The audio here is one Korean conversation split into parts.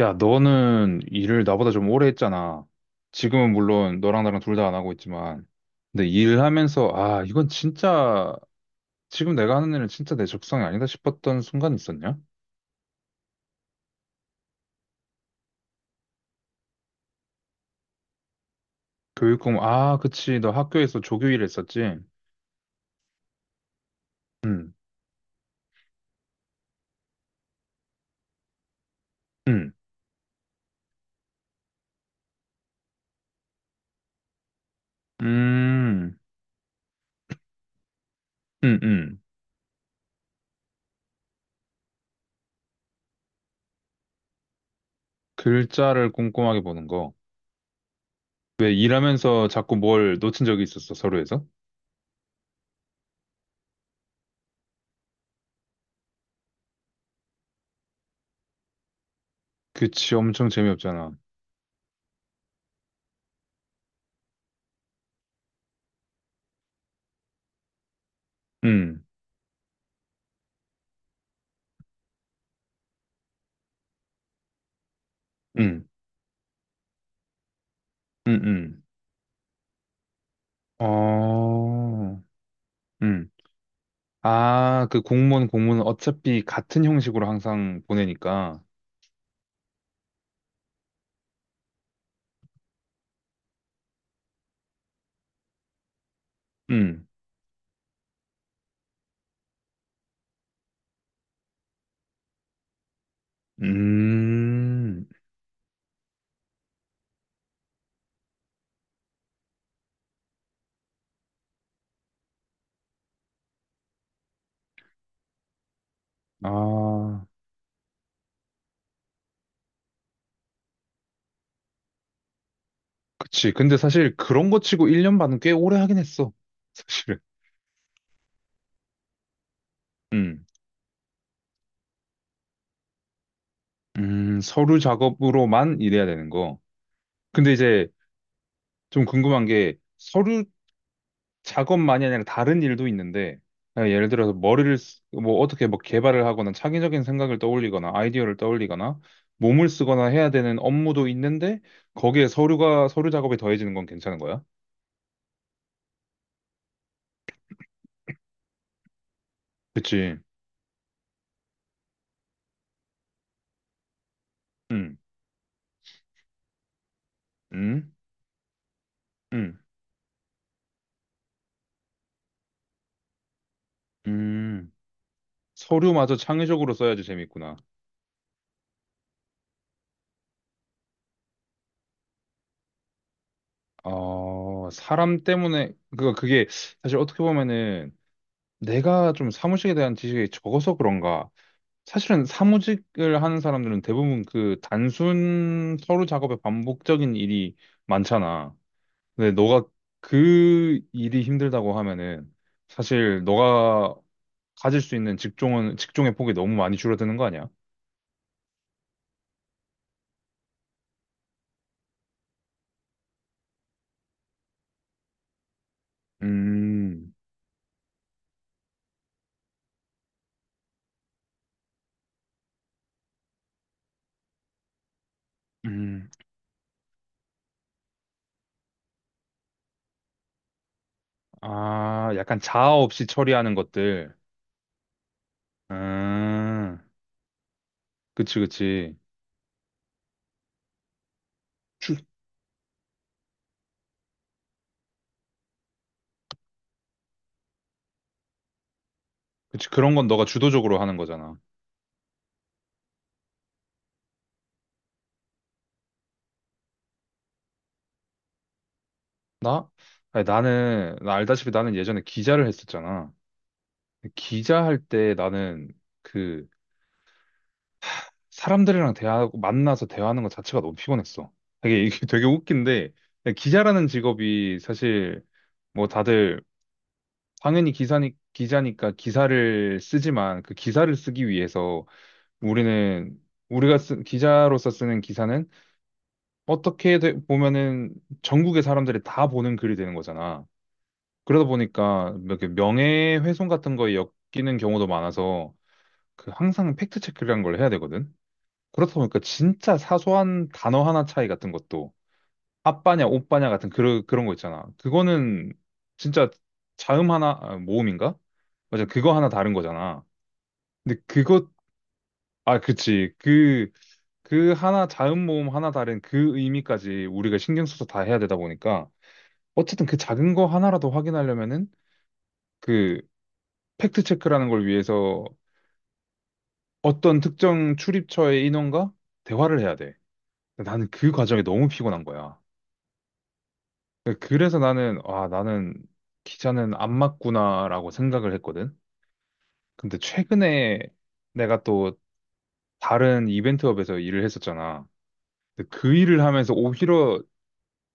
야, 너는 일을 나보다 좀 오래 했잖아. 지금은 물론 너랑 나랑 둘 다 안 하고 있지만. 근데 일하면서, 아, 이건 진짜, 지금 내가 하는 일은 진짜 내 적성이 아니다 싶었던 순간 있었냐? 교육 공무 아, 그치. 너 학교에서 조교 일 했었지? 응, 응, 음, 응, 응. 글자를 꼼꼼하게 보는 거. 왜 일하면서 자꾸 뭘 놓친 적이 있었어, 서로에서? 그치, 엄청 재미없잖아. 응, 응, 응, 응. 어, 응. 아, 그 공무원 어차피 같은 형식으로 항상 보내니까. 음, 음, 아, 그치. 근데 사실 그런 거 치고 1년 반은 꽤 오래 하긴 했어. 사실은. 음, 서류 작업으로만 일해야 되는 거. 근데 이제 좀 궁금한 게 서류 작업만이 아니라 다른 일도 있는데 아, 예를 들어서 뭐 어떻게 뭐 개발을 하거나 창의적인 생각을 떠올리거나 아이디어를 떠올리거나 몸을 쓰거나 해야 되는 업무도 있는데 거기에 서류 작업이 더해지는 건 괜찮은 거야? 그치. 음, 음, 음, 음. 서류마저 창의적으로 써야지 재밌구나. 어, 사람 때문에 그게 사실 어떻게 보면은 내가 좀 사무실에 대한 지식이 적어서 그런가 사실은 사무직을 하는 사람들은 대부분 그 단순 서류 작업의 반복적인 일이 많잖아. 근데 너가 그 일이 힘들다고 하면은 사실 너가 가질 수 있는 직종은 직종의 폭이 너무 많이 줄어드는 거 아니야? 음, 음, 아, 약간 자아 없이 처리하는 것들. 음, 그치, 그치. 그치, 그런 건 너가 주도적으로 하는 거잖아. 나? 아니, 나 알다시피 나는 예전에 기자를 했었잖아. 기자 할 때 나는 그 사람들이랑 대화하고 만나서 대화하는 것 자체가 너무 피곤했어. 되게 이게 되게 웃긴데 기자라는 직업이 사실 뭐 다들 당연히 기사니 기자니까 기사를 쓰지만 그 기사를 쓰기 위해서 우리는 기자로서 쓰는 기사는 어떻게 보면은 전국의 사람들이 다 보는 글이 되는 거잖아. 그러다 보니까 뭐 이렇게 명예훼손 같은 거에 엮이는 경우도 많아서 그 항상 팩트 체크라는 걸 해야 되거든. 그렇다 보니까 진짜 사소한 단어 하나 차이 같은 것도 아빠냐 오빠냐 같은 그런 거 있잖아. 그거는 진짜 자음 하나 아, 모음인가? 맞아 그거 하나 다른 거잖아. 근데 그것 아, 그치. 그 하나 자음 모음 하나 다른 그 의미까지 우리가 신경 써서 다 해야 되다 보니까 어쨌든 그 작은 거 하나라도 확인하려면은 그 팩트 체크라는 걸 위해서 어떤 특정 출입처의 인원과 대화를 해야 돼. 나는 그 과정이 너무 피곤한 거야. 그 그래서 아, 나는 기자는 안 맞구나라고 생각을 했거든. 근데 최근에 내가 또 다른 이벤트업에서 일을 했었잖아. 근데 그 일을 하면서 오히려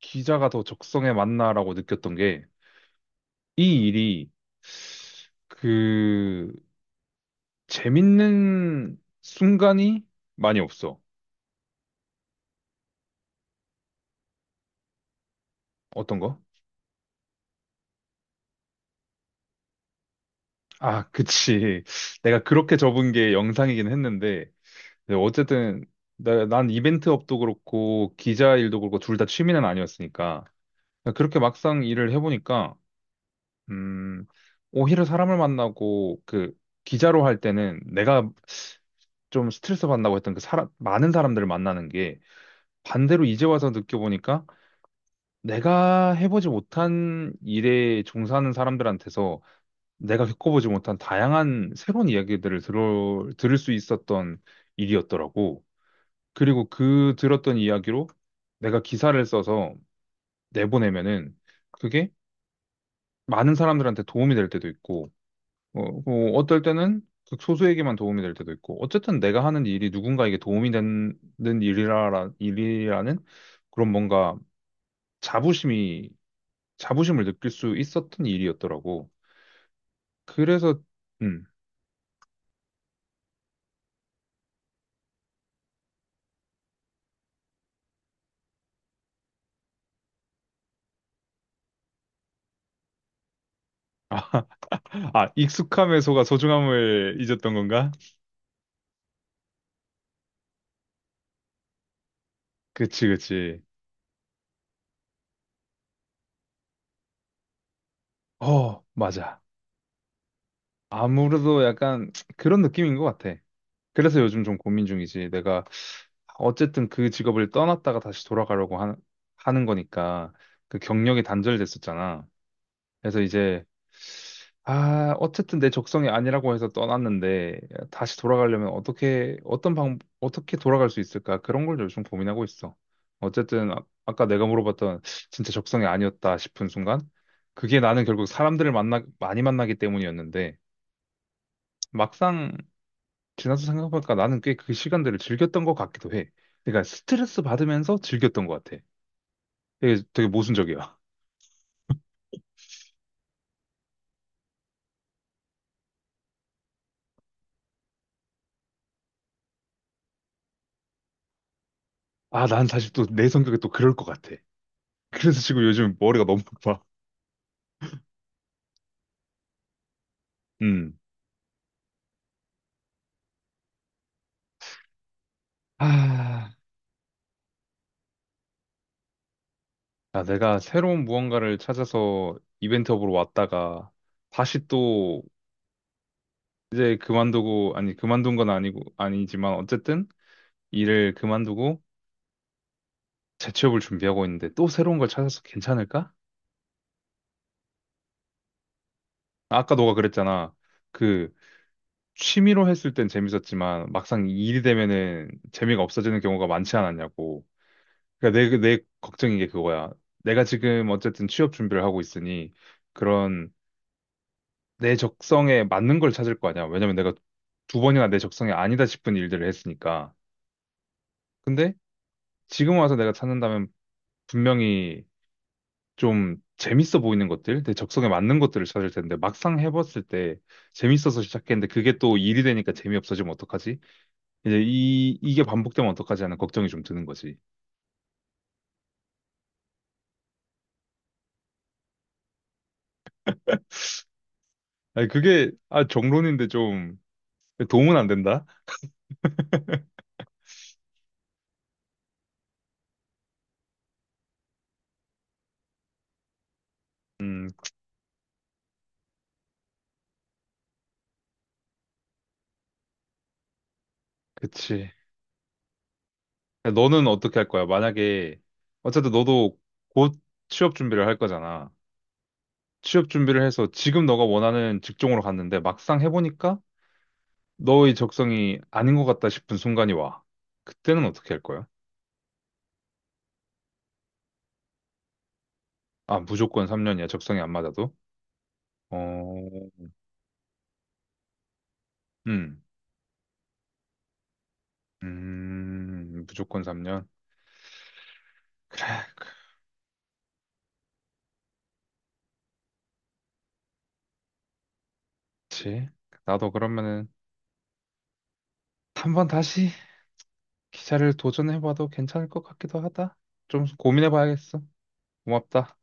기자가 더 적성에 맞나라고 느꼈던 게, 이 일이 그 재밌는 순간이 많이 없어. 어떤 거? 아, 그치. 내가 그렇게 접은 게 영상이긴 했는데, 근데 어쨌든 난 이벤트 업도 그렇고 기자 일도 그렇고 둘 다 취미는 아니었으니까 그렇게 막상 일을 해보니까 음 오히려 사람을 만나고 그 기자로 할 때는 내가 좀 스트레스 받는다고 했던 그 사람 많은 사람들을 만나는 게 반대로 이제 와서 느껴보니까 내가 해보지 못한 일에 종사하는 사람들한테서 내가 겪어보지 못한 다양한 새로운 이야기들을 들을 수 있었던 일이었더라고. 그리고 그 들었던 이야기로 내가 기사를 써서 내보내면은 그게 많은 사람들한테 도움이 될 때도 있고, 어, 뭐 어떨 때는 극소수에게만 도움이 될 때도 있고, 어쨌든 내가 하는 일이 누군가에게 도움이 되는 일이라는 그런 뭔가 자부심이, 자부심을 느낄 수 있었던 일이었더라고. 그래서, 음. 아, 아, 익숙함의 소가 소중함을 잊었던 건가? 그치, 그치. 어, 맞아. 아무래도 약간 그런 느낌인 것 같아. 그래서 요즘 좀 고민 중이지. 내가 어쨌든 그 직업을 떠났다가 다시 돌아가려고 하는 거니까 그 경력이 단절됐었잖아. 그래서 이제 아, 어쨌든 내 적성이 아니라고 해서 떠났는데 다시 돌아가려면 어떻게 어떤 방 어떻게 돌아갈 수 있을까? 그런 걸 요즘 고민하고 있어. 어쨌든 아, 아까 내가 물어봤던 진짜 적성이 아니었다 싶은 순간 그게 나는 결국 사람들을 만나 많이 만나기 때문이었는데 막상 지나서 생각해보니까 나는 꽤 그 시간들을 즐겼던 것 같기도 해. 그러니까 스트레스 받으면서 즐겼던 것 같아. 되게, 되게 모순적이야. 아, 난 사실 또 내 성격이 또 그럴 것 같아. 그래서 지금 요즘 머리가 너무 아파. 음. 아, 아, 내가 새로운 무언가를 찾아서 이벤트업으로 왔다가 다시 또 이제 그만두고, 아니, 그만둔 건 아니고, 아니지만 어쨌든 일을 그만두고 재취업을 준비하고 있는데 또 새로운 걸 찾아서 괜찮을까? 아까 너가 그랬잖아. 그 취미로 했을 땐 재밌었지만 막상 일이 되면은 재미가 없어지는 경우가 많지 않았냐고. 그러니까 내 걱정인 게 그거야. 내가 지금 어쨌든 취업 준비를 하고 있으니 그런 내 적성에 맞는 걸 찾을 거 아니야. 왜냐면 내가 두 번이나 내 적성이 아니다 싶은 일들을 했으니까. 근데 지금 와서 내가 찾는다면 분명히 좀 재밌어 보이는 것들, 내 적성에 맞는 것들을 찾을 텐데 막상 해봤을 때 재밌어서 시작했는데 그게 또 일이 되니까 재미없어지면 어떡하지? 이제 이게 반복되면 어떡하지 하는 걱정이 좀 드는 거지. 아니, 그게, 아, 정론인데 좀 도움은 안 된다? 음, 그치. 너는 어떻게 할 거야? 만약에, 어쨌든 너도 곧 취업 준비를 할 거잖아. 취업 준비를 해서 지금 너가 원하는 직종으로 갔는데 막상 해보니까 너의 적성이 아닌 것 같다 싶은 순간이 와. 그때는 어떻게 할 거야? 아, 무조건 3년이야. 적성이 안 맞아도. 어, 음, 무조건 3년. 그래. 그래. 그치. 나도 그러면은 한번 다시 기차를 도전해봐도 괜찮을 것 같기도 하다. 좀 고민해봐야겠어. 고맙다.